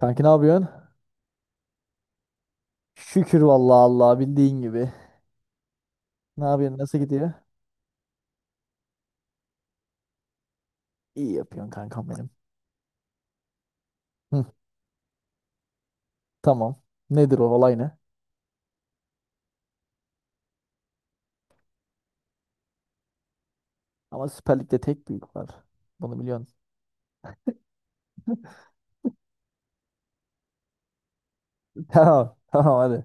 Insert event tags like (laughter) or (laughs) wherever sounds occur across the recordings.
Kanki ne yapıyorsun? Şükür vallahi Allah bildiğin gibi. Ne yapıyorsun? Nasıl gidiyor? İyi yapıyorsun kankam benim. Hı, tamam. Nedir o olay ne? Ama Süper Lig'de tek büyük var. Bunu biliyorsun. (laughs) Tamam. Tamam hadi.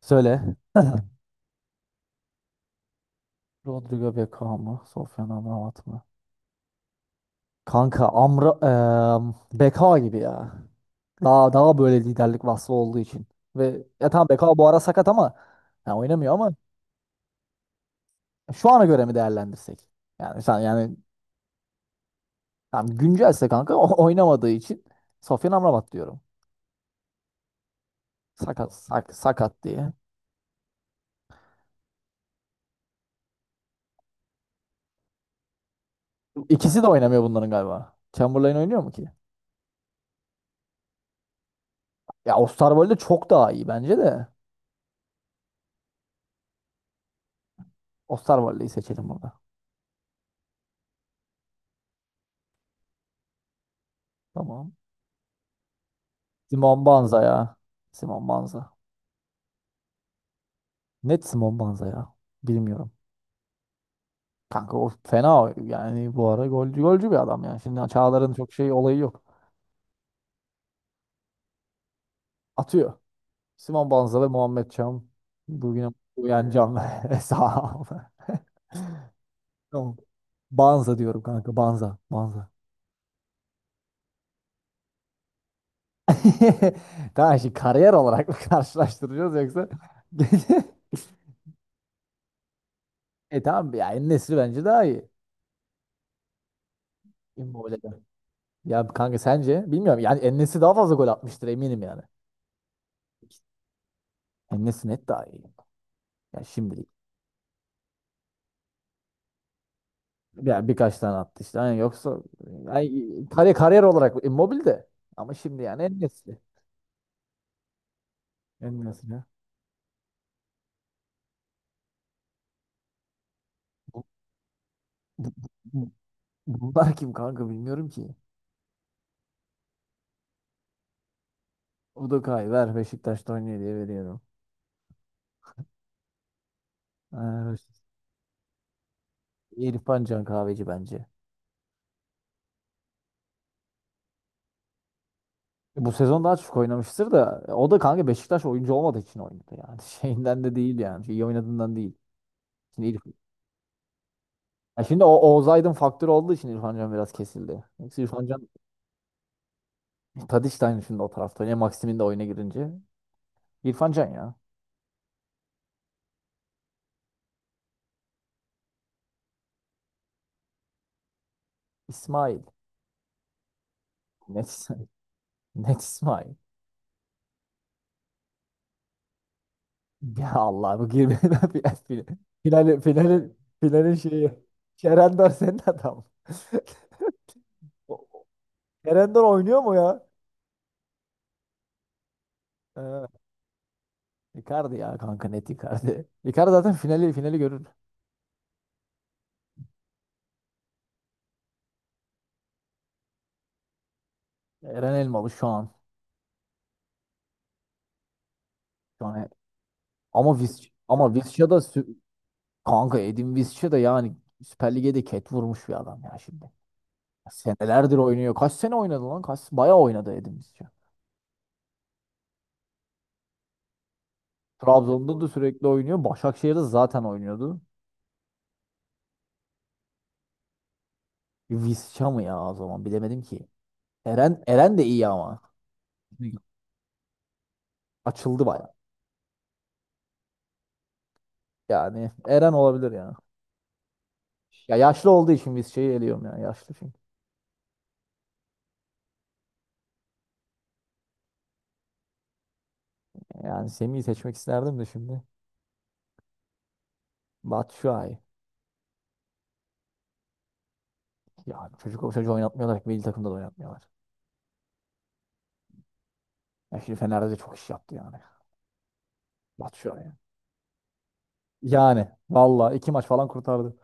Söyle. (laughs) Rodrigo Beckham mı? Sofyan Amrabat mı? Kanka Amra Beka gibi ya. Daha böyle liderlik vasfı olduğu için. Ve ya tamam Beka bu ara sakat ama ya oynamıyor ama şu ana göre mi değerlendirsek? Yani sen yani tamam, güncelse kanka oynamadığı için Sofyan Amrabat diyorum. Sakat diye. İkisi de oynamıyor bunların galiba. Chamberlain oynuyor mu ki? Ya Osterwolde çok daha iyi bence de. Osterwolde'yi seçelim burada. Tamam. Simon Banza ya. Simon Banza. Net Simon Banza ya. Bilmiyorum. Kanka o fena yani bu ara golcü golcü bir adam ya. Şimdi Çağlar'ın çok şey olayı yok. Atıyor. Simon Banza ve Muhammed Çam. Bugüne uyan can. (laughs) Sağ ol. (laughs) Tamam. Banza diyorum kanka. Banza. Banza. (laughs) Tamam, şimdi kariyer olarak mı (laughs) karşılaştıracağız yoksa? (laughs) E tamam ya, En-Nesyri bence daha iyi. Immobile'den. Ya kanka sence? Bilmiyorum. Yani En-Nesyri daha fazla gol atmıştır eminim yani. Enes net daha iyi. Ya şimdilik. Ya birkaç tane attı işte. Yani yoksa yani kariyer, olarak Immobile de. Ama şimdi yani En-Nesyri. Enes'ine. Bu- bu- bu- Bunlar kim kanka, bilmiyorum ki. Udokay ver, Beşiktaş'ta oynuyor diye veriyorum. Ha, İrfan Can Kahveci bence. Bu sezon daha çok oynamıştır da o da kanka Beşiktaş oyuncu olmadığı için oynadı yani. (laughs) Şeyinden de değil yani. Şey, İyi oynadığından değil. Şimdi, İrf- Ya şimdi o Oğuz Aydın faktörü olduğu için İrfan Can biraz kesildi. Yoksa İrfan Can Tadiç de aynı şimdi o tarafta oynuyor. Maxim'in de oyuna girince. İrfan Can ya. İsmail. Net, İsmail. (laughs) Net İsmail. Ya Allah, bu girmeyen (laughs) final, final, finalin şeyi. Kerendor senin adam. (laughs) O- Kerendor oynuyor mu ya? Ee, Icardi ya kanka, net Icardi. (laughs) Icardi zaten finali görür. Eren Elmalı şu an. Şu an evet. Ama Visca kanka, Edin Visca da yani Süper Lig'e de ket vurmuş bir adam ya şimdi. Senelerdir oynuyor. Kaç sene oynadı lan? Kaç, bayağı oynadı Edin Visca. Trabzon'da da sürekli oynuyor. Başakşehir'de zaten oynuyordu. Visca mı ya o zaman, bilemedim ki. Eren de iyi ama. Açıldı bayağı. Yani Eren olabilir ya. Ya yaşlı olduğu için Visca'yı eliyorum ya. Yaşlı çünkü. Yani Semih'i seçmek isterdim de şimdi. Batshuayi. Ya çocuk, o çocuğu oynatmıyorlar. Milli takımda da oynatmıyorlar. Ya şimdi Fener'de de çok iş yaptı yani. Batshuayi. Yani valla iki maç falan kurtardı.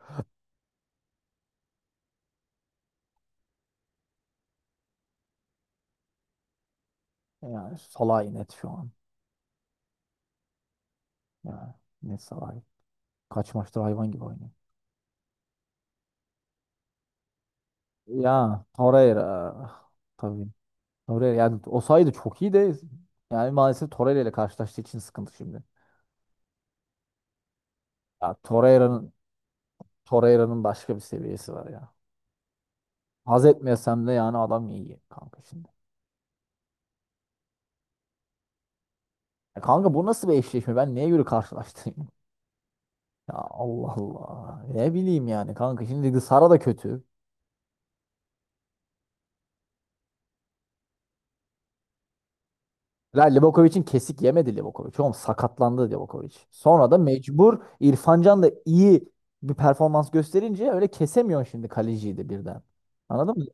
Yani Salah'ı net şu an. Yani net Salah'ı. Kaç maçtır hayvan gibi oynuyor. Ya Torreira. Tabii. Torreira yani o sayıda çok iyi de yani maalesef Torreira ile karşılaştığı için sıkıntı şimdi. Ya Torreira'nın başka bir seviyesi var ya. Haz etmesem de yani adam iyi kanka şimdi. Ya kanka, bu nasıl bir eşleşme? Ben neye göre karşılaştırayım? (laughs) Ya Allah Allah. Ne bileyim yani kanka. Şimdi Sara da kötü. Livakovic'in kesik yemedi Livakovic. Oğlum, sakatlandı Livakovic. Sonra da mecbur İrfan Can da iyi bir performans gösterince öyle kesemiyorsun şimdi kaleciyi de birden. Anladın mı?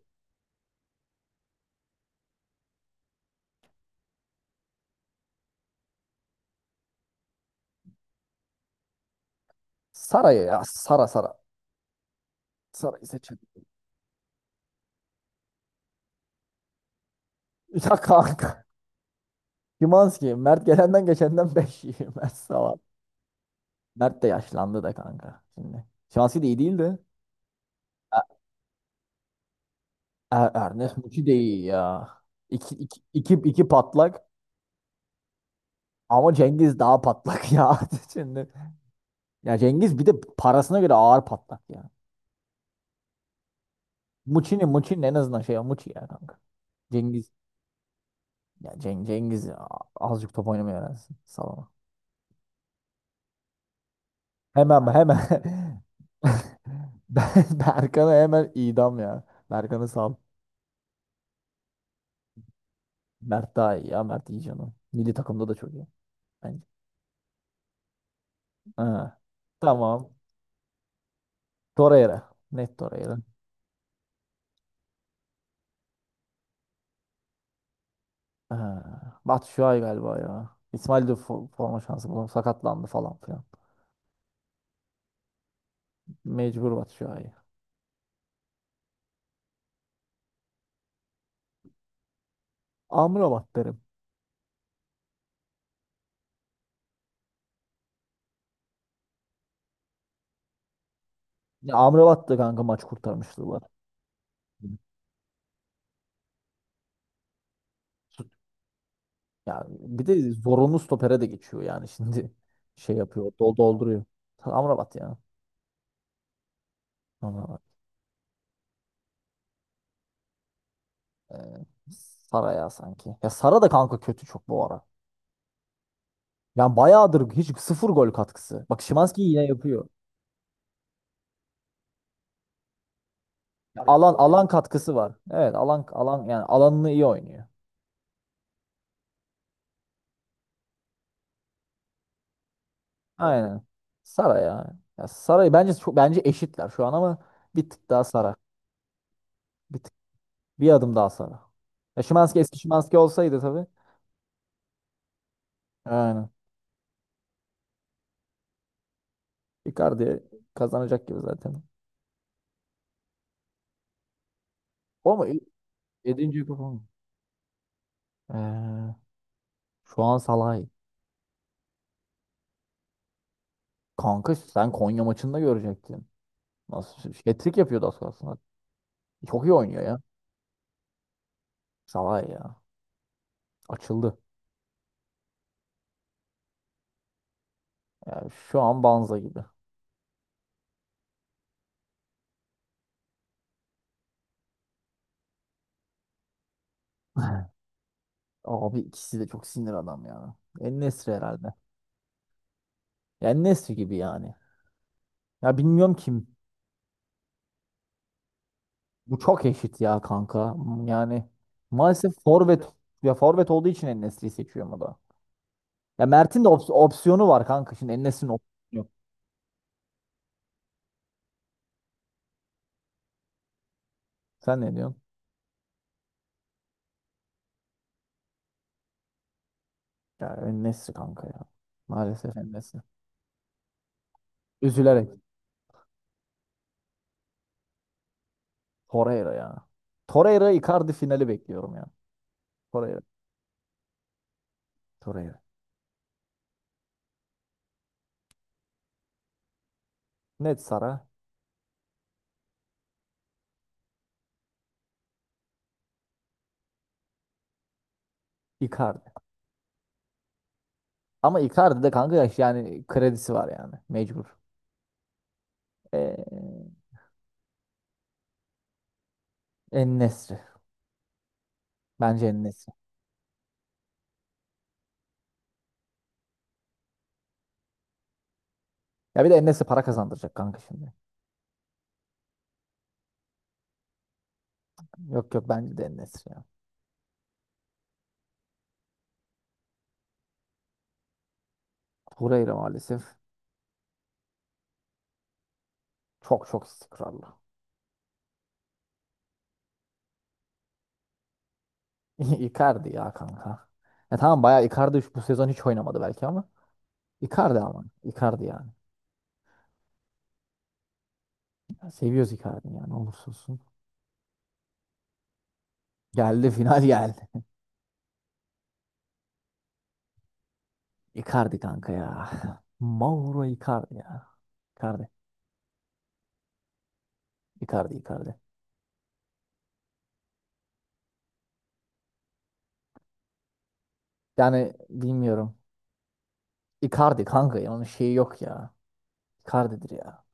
Sara'ya ya. Sara. Sara'yı seçelim. (laughs) Ya kanka. Szymański. Mert gelenden geçenden 5 yiyor. (laughs) Mert Sava. Mert de yaşlandı da kanka. Şimdi. Szymański de iyi değildi. Ernest Muçi de iyi ya. İki patlak ama Cengiz daha patlak (laughs) ya. Şimdi. Ya Cengiz bir de parasına göre ağır patlak ya. Muçi'nin en azından şey, Muçi ya kanka. Cengiz ya, Cengiz ya, azıcık top oynamayı öğrensin. Salama. Hemen hemen. (laughs) Berkan'ı hemen idam ya. Berkan'ı sal. Mert daha iyi ya. Mert iyi canım. Milli takımda da çok iyi. Bence. Ha. Tamam. Torreira. Net Torreira. Ha, Batshuayi galiba ya. İsmail de forma şansı bulamadı. Sakatlandı falan filan. Mecbur Batshuayi. Amrabat derim. Ya Amrabat da kanka maç kurtarmışlığı var. Hı. Ya bir de zorunlu stopere de geçiyor yani (laughs) şimdi şey yapıyor, dolduruyor. Amrabat ya. Amrabat. Ee, Sara ya sanki. Ya Sara da kanka kötü çok bu ara. Yani bayağıdır hiç sıfır gol katkısı. Bak Szymański yine yapıyor. Ya alan katkısı var. Evet, alan yani alanını iyi oynuyor. Aynen. Sara ya. Ya Sara'yı bence çok, bence eşitler şu an ama bir tık daha Sara. Bir tık, bir adım daha Sara. Ya Szymański eski Szymański olsaydı tabii. Aynen. Icardi kazanacak gibi zaten. O mu? Yedinci kupa mı? Ee, şu an Salah'ı. Kanka sen Konya maçında görecektin. Nasıl hat-trick yapıyordu az kalsın. Çok iyi oynuyor ya. Salah ya. Açıldı. Yani şu an Banza gibi. Abi ikisi de çok sinir adam ya. En-Nesyri herhalde. Yani En-Nesyri gibi yani. Ya bilmiyorum kim. Bu çok eşit ya kanka. Hmm, yani maalesef forvet, ya forvet olduğu için En-Nesyri'yi seçiyorum o da. Ya Mert'in de opsiyonu var kanka. Şimdi En-Nesyri'nin opsiyonu yok. Sen ne diyorsun? Ya En-Nesyri kanka ya. Maalesef En-Nesyri. Üzülerek. Torreira ya. Torreira Icardi finali bekliyorum ya. Torreira. Torreira. Net Sara. Icardi. Ama Icardi de kanka yaş yani kredisi var yani. Mecbur. Ee, En-Nesyri. Bence En-Nesyri. Ya bir de En-Nesyri para kazandıracak kanka şimdi. Yok yok, bence de En-Nesyri ya. Torreira maalesef çok çok istikrarlı. (laughs) Icardi ya kanka. Ya tamam, bayağı Icardi bu sezon hiç oynamadı belki ama Icardi, ama Icardi yani. Ya seviyoruz Icardi yani olursa olsun. Geldi, final geldi. (laughs) Icardi kanka ya. Mauro Icardi ya. Icardi. Icardi. Yani bilmiyorum. Icardi kanka ya, onun şeyi yok ya. Icardi'dir ya.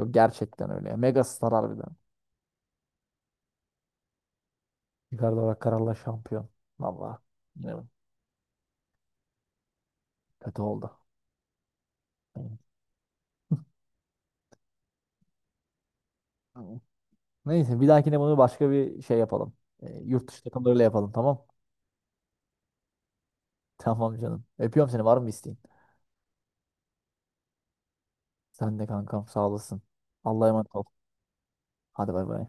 Yok, gerçekten öyle ya. Mega star harbiden. Icardi olarak kararla şampiyon. Valla. Evet. Kötü oldu. Tamam. Neyse bir dahakine bunu başka bir şey yapalım. E, yurt dışı takımlarıyla yapalım tamam. Tamam canım. Öpüyorum seni, var mı isteğin? Sen de kankam sağ olasın. Allah'a emanet ol. Hadi bay bay.